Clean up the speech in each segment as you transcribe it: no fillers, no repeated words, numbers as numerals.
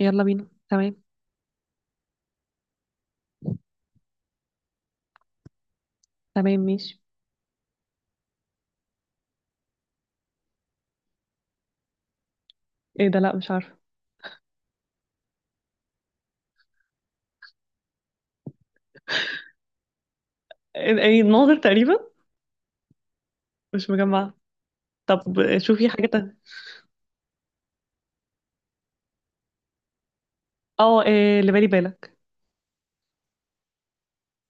يلا بينا، تمام. تمام، ماشي. ايه ده؟ لا، مش عارفه. ايه، إيه، ناظر تقريبا. مش مجمعه. طب شوفي حاجه تانية. اه، إيه اللي بالي بالك.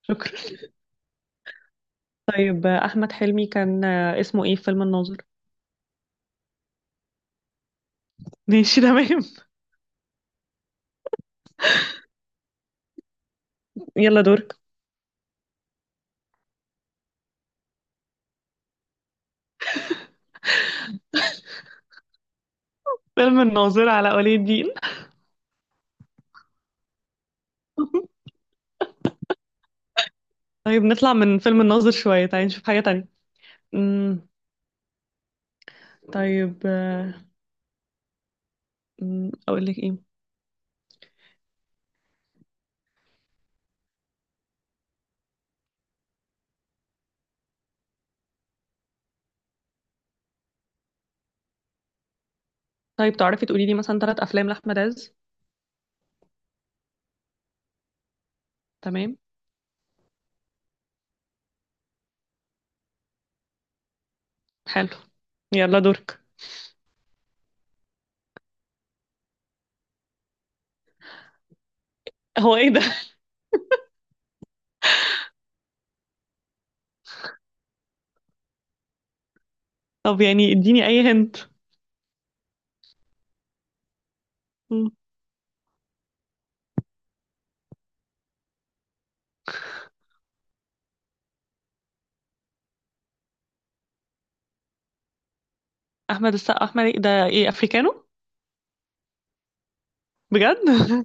شكرا طيب، احمد حلمي كان اسمه ايه في فيلم الناظر؟ ماشي تمام يلا دورك. فيلم الناظر، على ولي الدين. طيب نطلع من فيلم الناظر شويه، تعالي نشوف حاجه تانية. امم. طيب آه، أمم، اقول لك ايه؟ طيب تعرفي تقولي لي مثلا 3 افلام لاحمد عز؟ تمام. حلو. يلا دورك. هو ايه ده؟ طب يعني اديني اي هنت. احمد السقا، احمد إيه ده، ايه افريكانو؟ بجد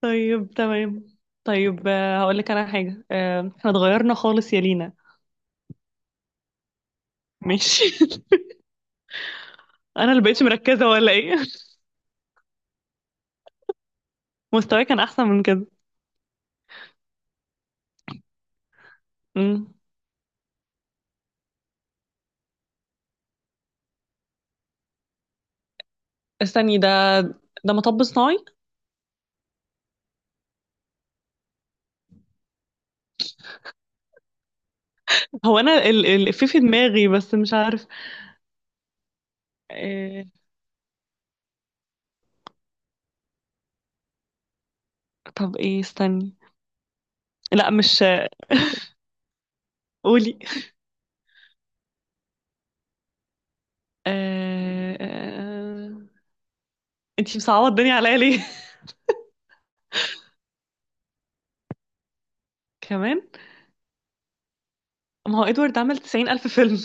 طيب تمام. طيب هقول لك انا حاجه، احنا اتغيرنا خالص يا لينا. ماشي انا اللي بقيتش مركزه ولا ايه؟ مستواي كان احسن من كده. امم. استني ده مطب صناعي. هو انا الإفيه في دماغي بس مش عارف. آه، طب ايه، استني. لا مش قولي. آه، آه، انتي مصعبه الدنيا عليا ليه؟ كمان. ما هو ادوارد عمل 90 ألف فيلم.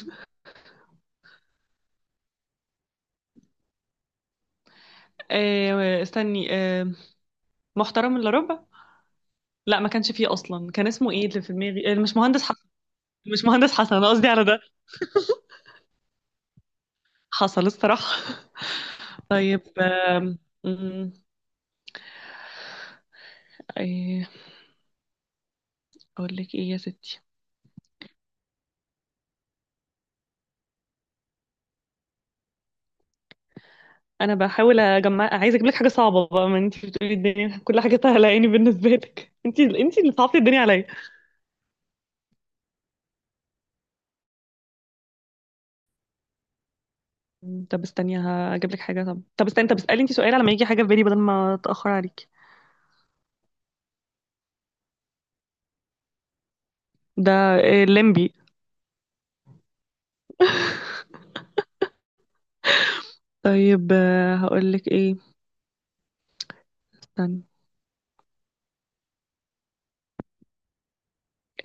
استني، محترم الا ربع. لا ما كانش فيه اصلا، كان اسمه ايه اللي في دماغي؟ مش مهندس حسن. مش مهندس حسن، انا قصدي على ده. حصل الصراحه طيب آم، أمم، ايه، اقول لك ايه يا ستي؟ انا بحاول اجمع، عايزه اجيب لك حاجه صعبه بقى، ما انت بتقولي الدنيا كل حاجه سهله يعني بالنسبه لك انت اللي صعبتي الدنيا عليا. طب استني هجيب لك حاجه، طب استني، طب اسالي انت سؤال على ما يجي حاجه في بالي بدل ما اتاخر عليك. ده ليمبي. طيب هقول لك ايه. استني.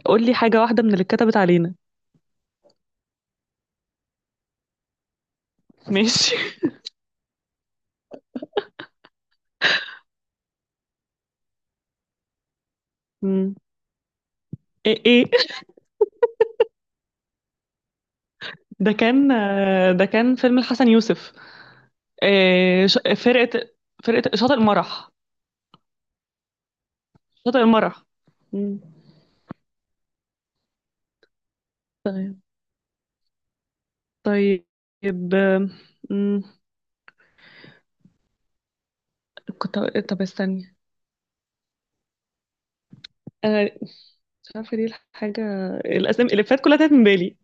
قول لي حاجه واحده من اللي اتكتبت علينا ماشي. مم. ايه، ايه. ده كان فيلم الحسن يوسف. آه، ش- فرقة فرقة شاطئ المرح. شاطئ المرح. مم. طيب، طيب، آم، مم. طب استني. انا مش عارفة ليه. الحاجة، الاسامي اللي فات كلها تاهت من بالي.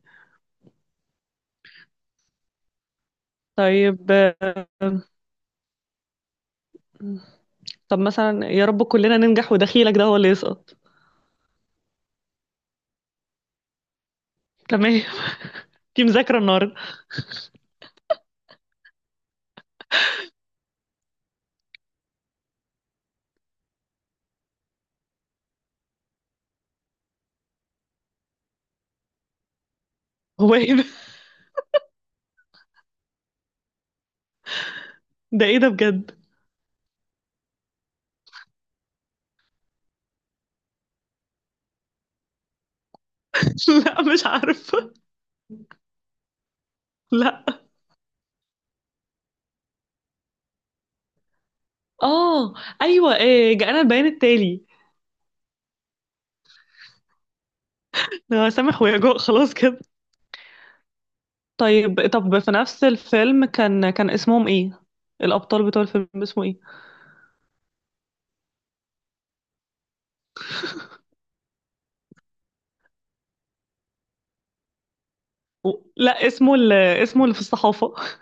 طيب مم. طب مثلا، يا رب كلنا ننجح ودخيلك ده هو اللي يسقط. تمام في مذاكرة النهاردة. هو ايه ده؟ ده ايه ده بجد؟ لا، مش عارفة. لا. اه، ايوه. إيه؟ جاءنا البيان التالي. سامح ويجوء، خلاص كده. طيب. طب في نفس الفيلم، كان اسمهم ايه؟ الابطال بتوع الفيلم، اسمه ايه؟ و... لا، اسمه اسمه اللي في الصحافه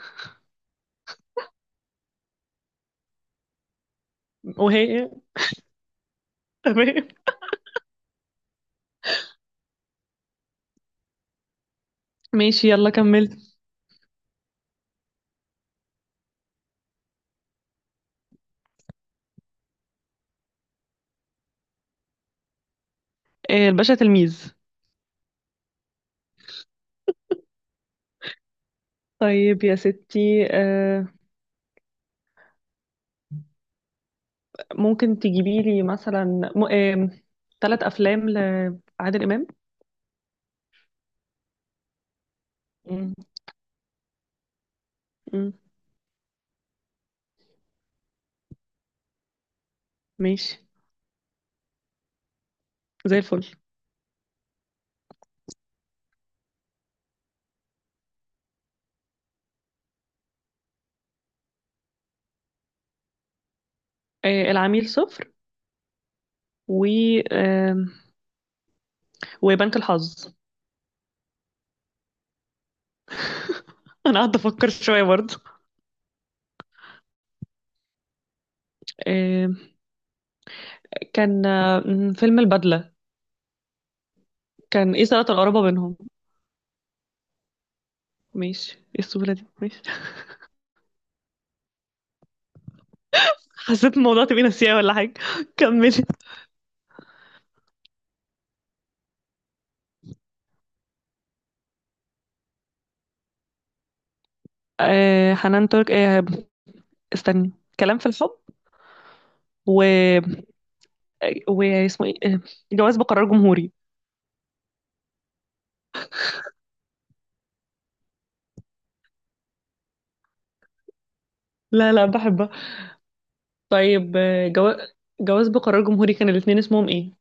وهي تمام. ماشي، يلا كملت. إيه الباشا تلميذ. طيب يا ستي، ممكن تجيبي لي مثلا م... آه... 3 افلام لعادل امام؟ مم. مم. ماشي. زي الفل. العميل صفر، و آه وبنك الحظ. انا قاعده افكر شويه برضه. آه، كان آه، م، فيلم البدله. كان ايه صلة القرابة بينهم؟ ماشي، ايه السهولة دي؟ ماشي حسيت الموضوع تبقى نسيها ولا حاجة؟ كملي. حنان ترك، استني. كلام في الحب، و واسمه ايه جواز بقرار جمهوري. لا، لا، بحبها. طيب، جواز بقرار جمهوري، كان الاتنين اسمهم ايه؟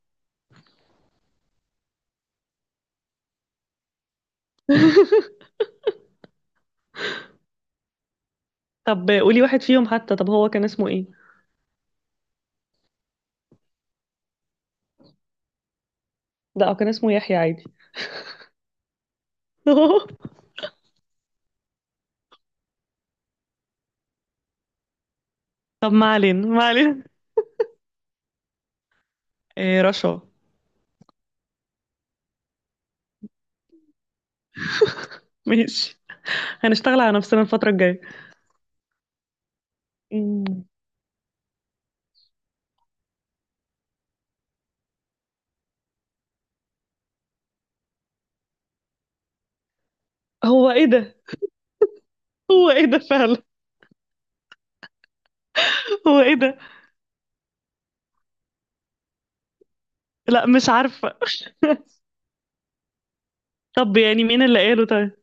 طب قولي واحد فيهم حتى، طب هو كان اسمه ايه؟ لا، هو كان اسمه يحيى عادي طب ما علينا، ما علينا. رشا. ماشي. هنشتغل على نفسنا الفترة الجاية. مم. هو ايه ده؟ هو ايه ده فعلا؟ هو ايه ده؟ لا، مش عارفة طب يعني مين اللي قاله؟ طيب.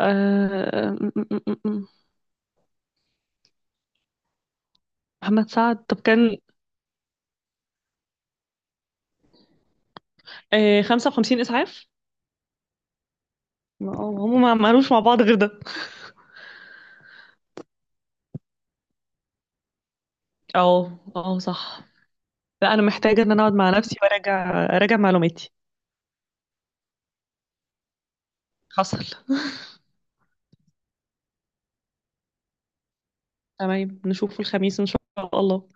آه... م- م- م- م. محمد سعد، طب كان 55 إسعاف. هم ما عملوش مع بعض غير ده. اه، اه، صح. لا، انا محتاجة ان انا اقعد مع نفسي وارجع، اراجع معلوماتي. حصل. تمام، نشوفه الخميس ان شاء الله.